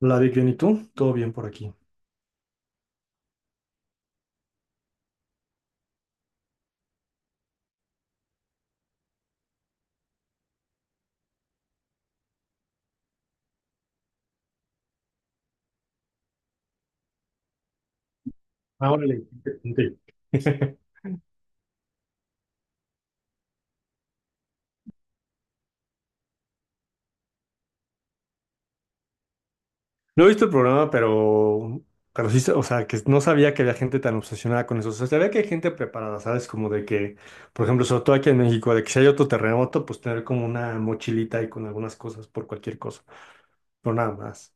La Vic, bien, ¿y tú? Todo bien por aquí. Ah, órale, qué interesante. No he visto el programa, pero sí, o sea, que no sabía que había gente tan obsesionada con eso. O sea, sabía que hay gente preparada, ¿sabes? Como de que, por ejemplo, sobre todo aquí en México, de que si hay otro terremoto, pues tener como una mochilita y con algunas cosas por cualquier cosa, pero nada más.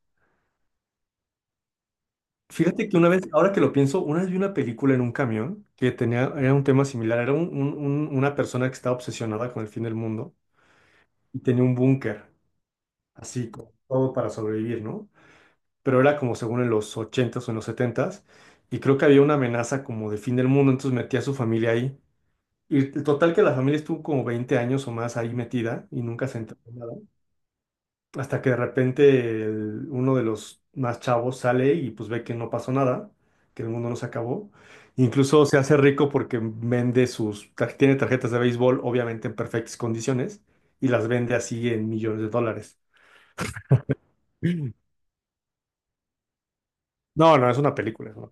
Fíjate que una vez, ahora que lo pienso, una vez vi una película en un camión que tenía, era un tema similar, era una persona que estaba obsesionada con el fin del mundo y tenía un búnker, así, como todo para sobrevivir, ¿no? Pero era como según en los ochentas o en los setentas y creo que había una amenaza como de fin del mundo, entonces metía a su familia ahí. Y el total que la familia estuvo como 20 años o más ahí metida y nunca se enteró de nada, hasta que de repente uno de los más chavos sale y pues ve que no pasó nada, que el mundo no se acabó. Incluso se hace rico porque vende tiene tarjetas de béisbol, obviamente en perfectas condiciones, y las vende así en millones de dólares. Mm. No, no, es una película. es una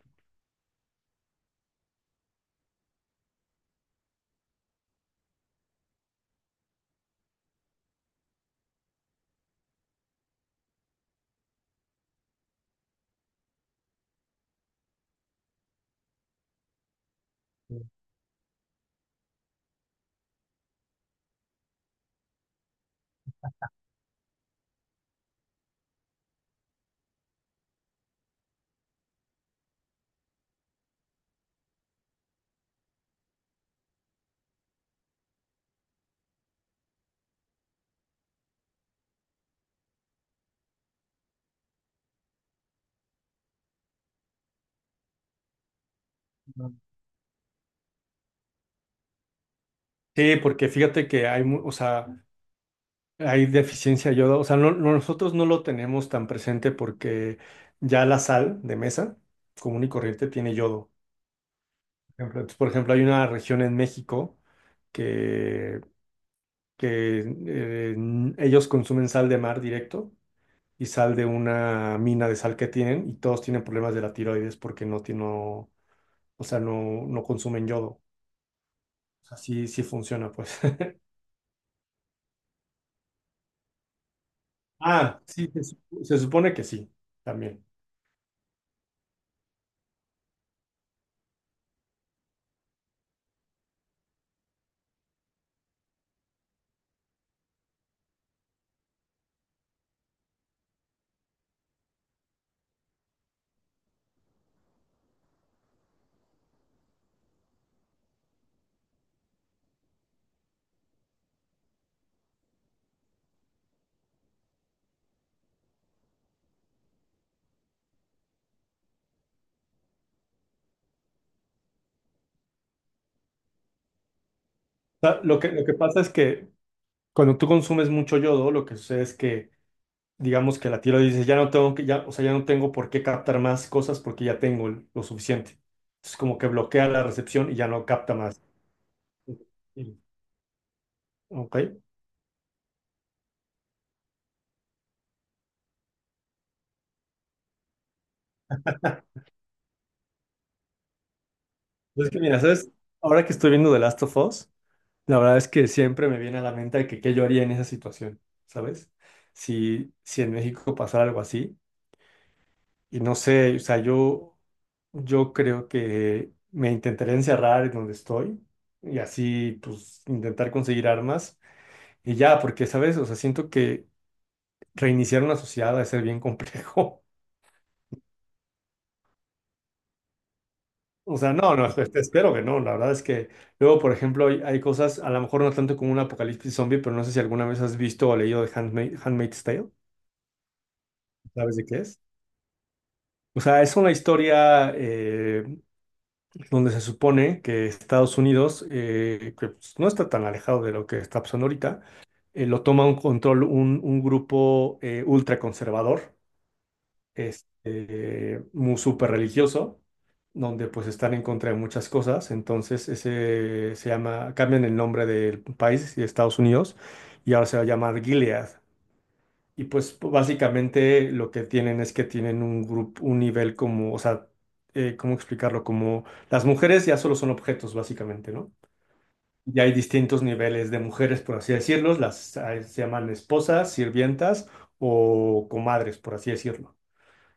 película. Sí, porque fíjate que hay, o sea, hay deficiencia de yodo. O sea, nosotros no lo tenemos tan presente porque ya la sal de mesa común y corriente tiene yodo. Por ejemplo, entonces, por ejemplo, hay una región en México que, que ellos consumen sal de mar directo y sal de una mina de sal que tienen y todos tienen problemas de la tiroides porque no, o sea, no, no consumen yodo. O sea, sí, sí funciona, pues. Ah, sí, se supone que sí, también. Lo que pasa es que cuando tú consumes mucho yodo, lo que sucede es que, digamos que la tiroides dice, ya no tengo que, ya, o sea, ya no tengo por qué captar más cosas porque ya tengo lo suficiente. Entonces, como que bloquea la recepción y ya no capta más. Sí. Ok. Pues es que mira, ¿sabes? Ahora que estoy viendo The Last of Us, la verdad es que siempre me viene a la mente de que qué yo haría en esa situación, ¿sabes? Si en México pasara algo así. Y no sé, o sea, yo creo que me intentaré encerrar en donde estoy y así, pues, intentar conseguir armas y ya, porque, ¿sabes? O sea, siento que reiniciar una sociedad debe ser bien complejo. O sea, no, no, espero que no. La verdad es que luego, por ejemplo, hay cosas, a lo mejor no tanto como un apocalipsis zombie, pero no sé si alguna vez has visto o leído de Handmaid's Tale. ¿Sabes de qué es? O sea, es una historia donde se supone que Estados Unidos, que pues, no está tan alejado de lo que está pasando ahorita, lo toma un control, un grupo ultraconservador, este, muy súper religioso, donde pues están en contra de muchas cosas. Entonces, ese se llama, cambian el nombre del país y de Estados Unidos, y ahora se va a llamar Gilead. Y pues básicamente lo que tienen es que tienen un grupo, un nivel como, o sea, ¿cómo explicarlo? Como las mujeres ya solo son objetos, básicamente, ¿no? Ya hay distintos niveles de mujeres, por así decirlo, las se llaman esposas, sirvientas o comadres, por así decirlo.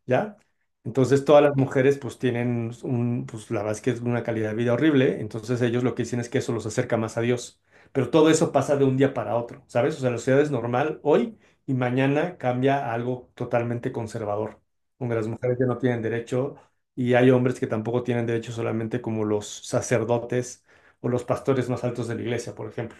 ¿Ya? Entonces todas las mujeres pues tienen un, pues la verdad es que es una calidad de vida horrible, entonces ellos lo que dicen es que eso los acerca más a Dios, pero todo eso pasa de un día para otro, ¿sabes? O sea, la sociedad es normal hoy y mañana cambia a algo totalmente conservador, donde las mujeres ya no tienen derecho y hay hombres que tampoco tienen derecho solamente como los sacerdotes o los pastores más altos de la iglesia, por ejemplo.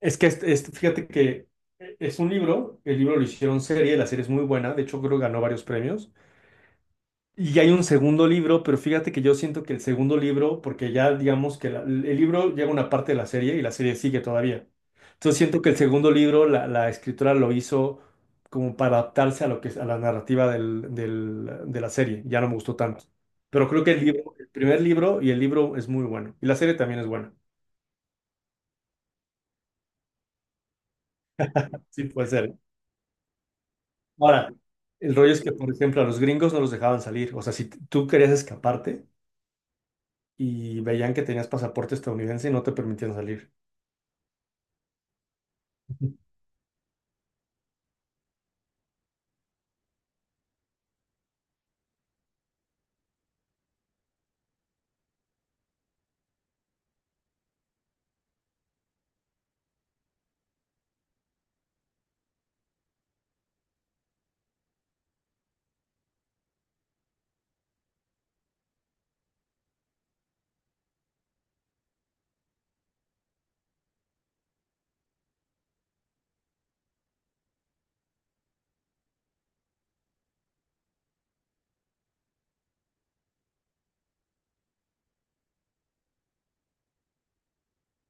Es que este fíjate que es un libro, el libro lo hicieron serie, la serie es muy buena, de hecho creo que ganó varios premios. Y hay un segundo libro, pero fíjate que yo siento que el segundo libro, porque ya digamos que el libro llega a una parte de la serie y la serie sigue todavía. Entonces siento que el segundo libro, la escritora lo hizo como para adaptarse a lo que a la narrativa de la serie. Ya no me gustó tanto. Pero creo que el libro, el primer libro y el libro es muy bueno. Y la serie también es buena. Sí, puede ser. Ahora, el rollo es que, por ejemplo, a los gringos no los dejaban salir. O sea, si tú querías escaparte y veían que tenías pasaporte estadounidense, no te permitían salir.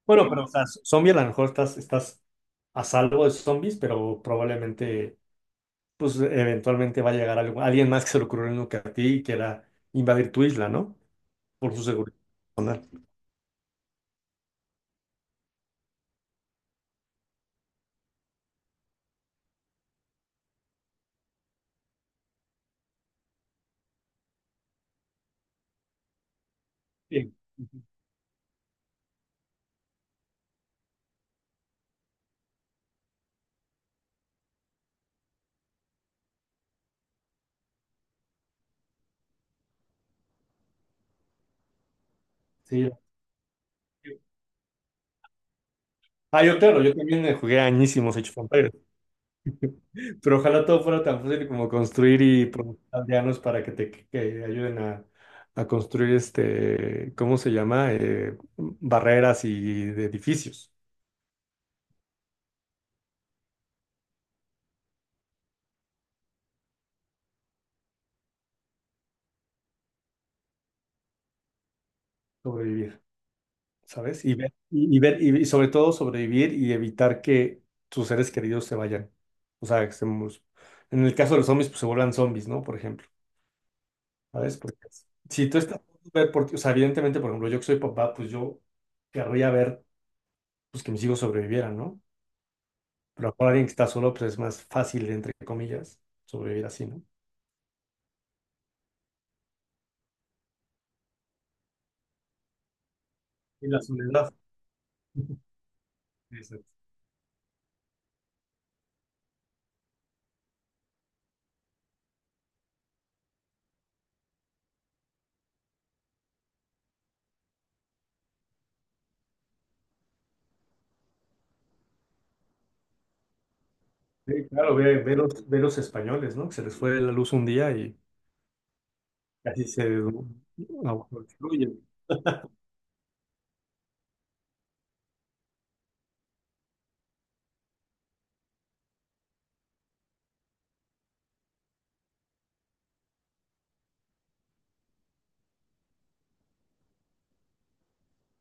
Bueno, pero o sea, zombie a lo mejor estás a salvo de zombies, pero probablemente, pues eventualmente va a llegar alguien más que se le ocurrió lo que a ti y quiera invadir tu isla, ¿no? Por su seguridad personal. Sí, sí. Ah, yo claro, yo también me jugué añísimos Age of Empires, pero ojalá todo fuera tan fácil como construir y producir aldeanos para que te que ayuden a construir este, ¿cómo se llama? Barreras y de edificios, sobrevivir. ¿Sabes? Y ver, y ver, y sobre todo sobrevivir y evitar que tus seres queridos se vayan. O sea, que en el caso de los zombies, pues se vuelvan zombies, ¿no? Por ejemplo, ¿sabes? Porque si tú estás ver por ti, o sea, evidentemente, por ejemplo, yo que soy papá, pues yo querría ver pues que mis hijos sobrevivieran, ¿no? Pero a lo mejor alguien que está solo, pues es más fácil, entre comillas, sobrevivir así, ¿no? Y la soledad. Exacto. Sí, claro, ve los españoles, ¿no? Que se les fue la luz un día y casi se...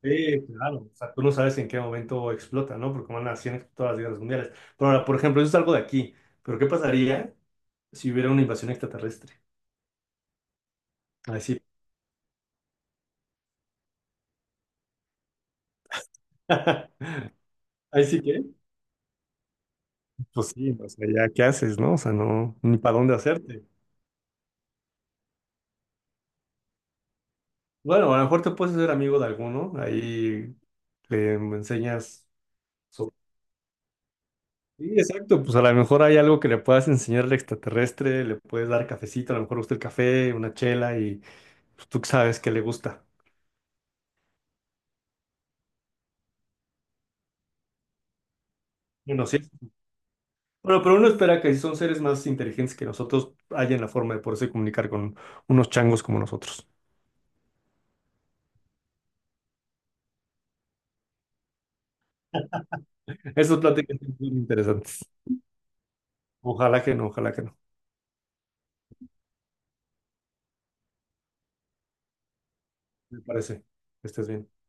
Sí, claro. O sea, tú no sabes en qué momento explota, ¿no? Porque van así en todas las guerras mundiales. Pero ahora, por ejemplo, eso es algo de aquí. Pero ¿qué pasaría si hubiera una invasión extraterrestre? Ahí sí. Ahí sí que. Pues sí, o sea, ya, ¿qué haces, no? O sea, no, ni para dónde hacerte. Bueno, a lo mejor te puedes hacer amigo de alguno. Ahí le enseñas sobre. Sí, exacto. Pues a lo mejor hay algo que le puedas enseñar al extraterrestre. Le puedes dar cafecito, a lo mejor le gusta el café, una chela y pues, tú sabes que le gusta. Bueno, sí. Bueno, pero uno espera que si son seres más inteligentes que nosotros, hayan la forma de poderse comunicar con unos changos como nosotros. Esas pláticas son muy interesantes. Ojalá que no, ojalá que no. Me parece. Que estés bien.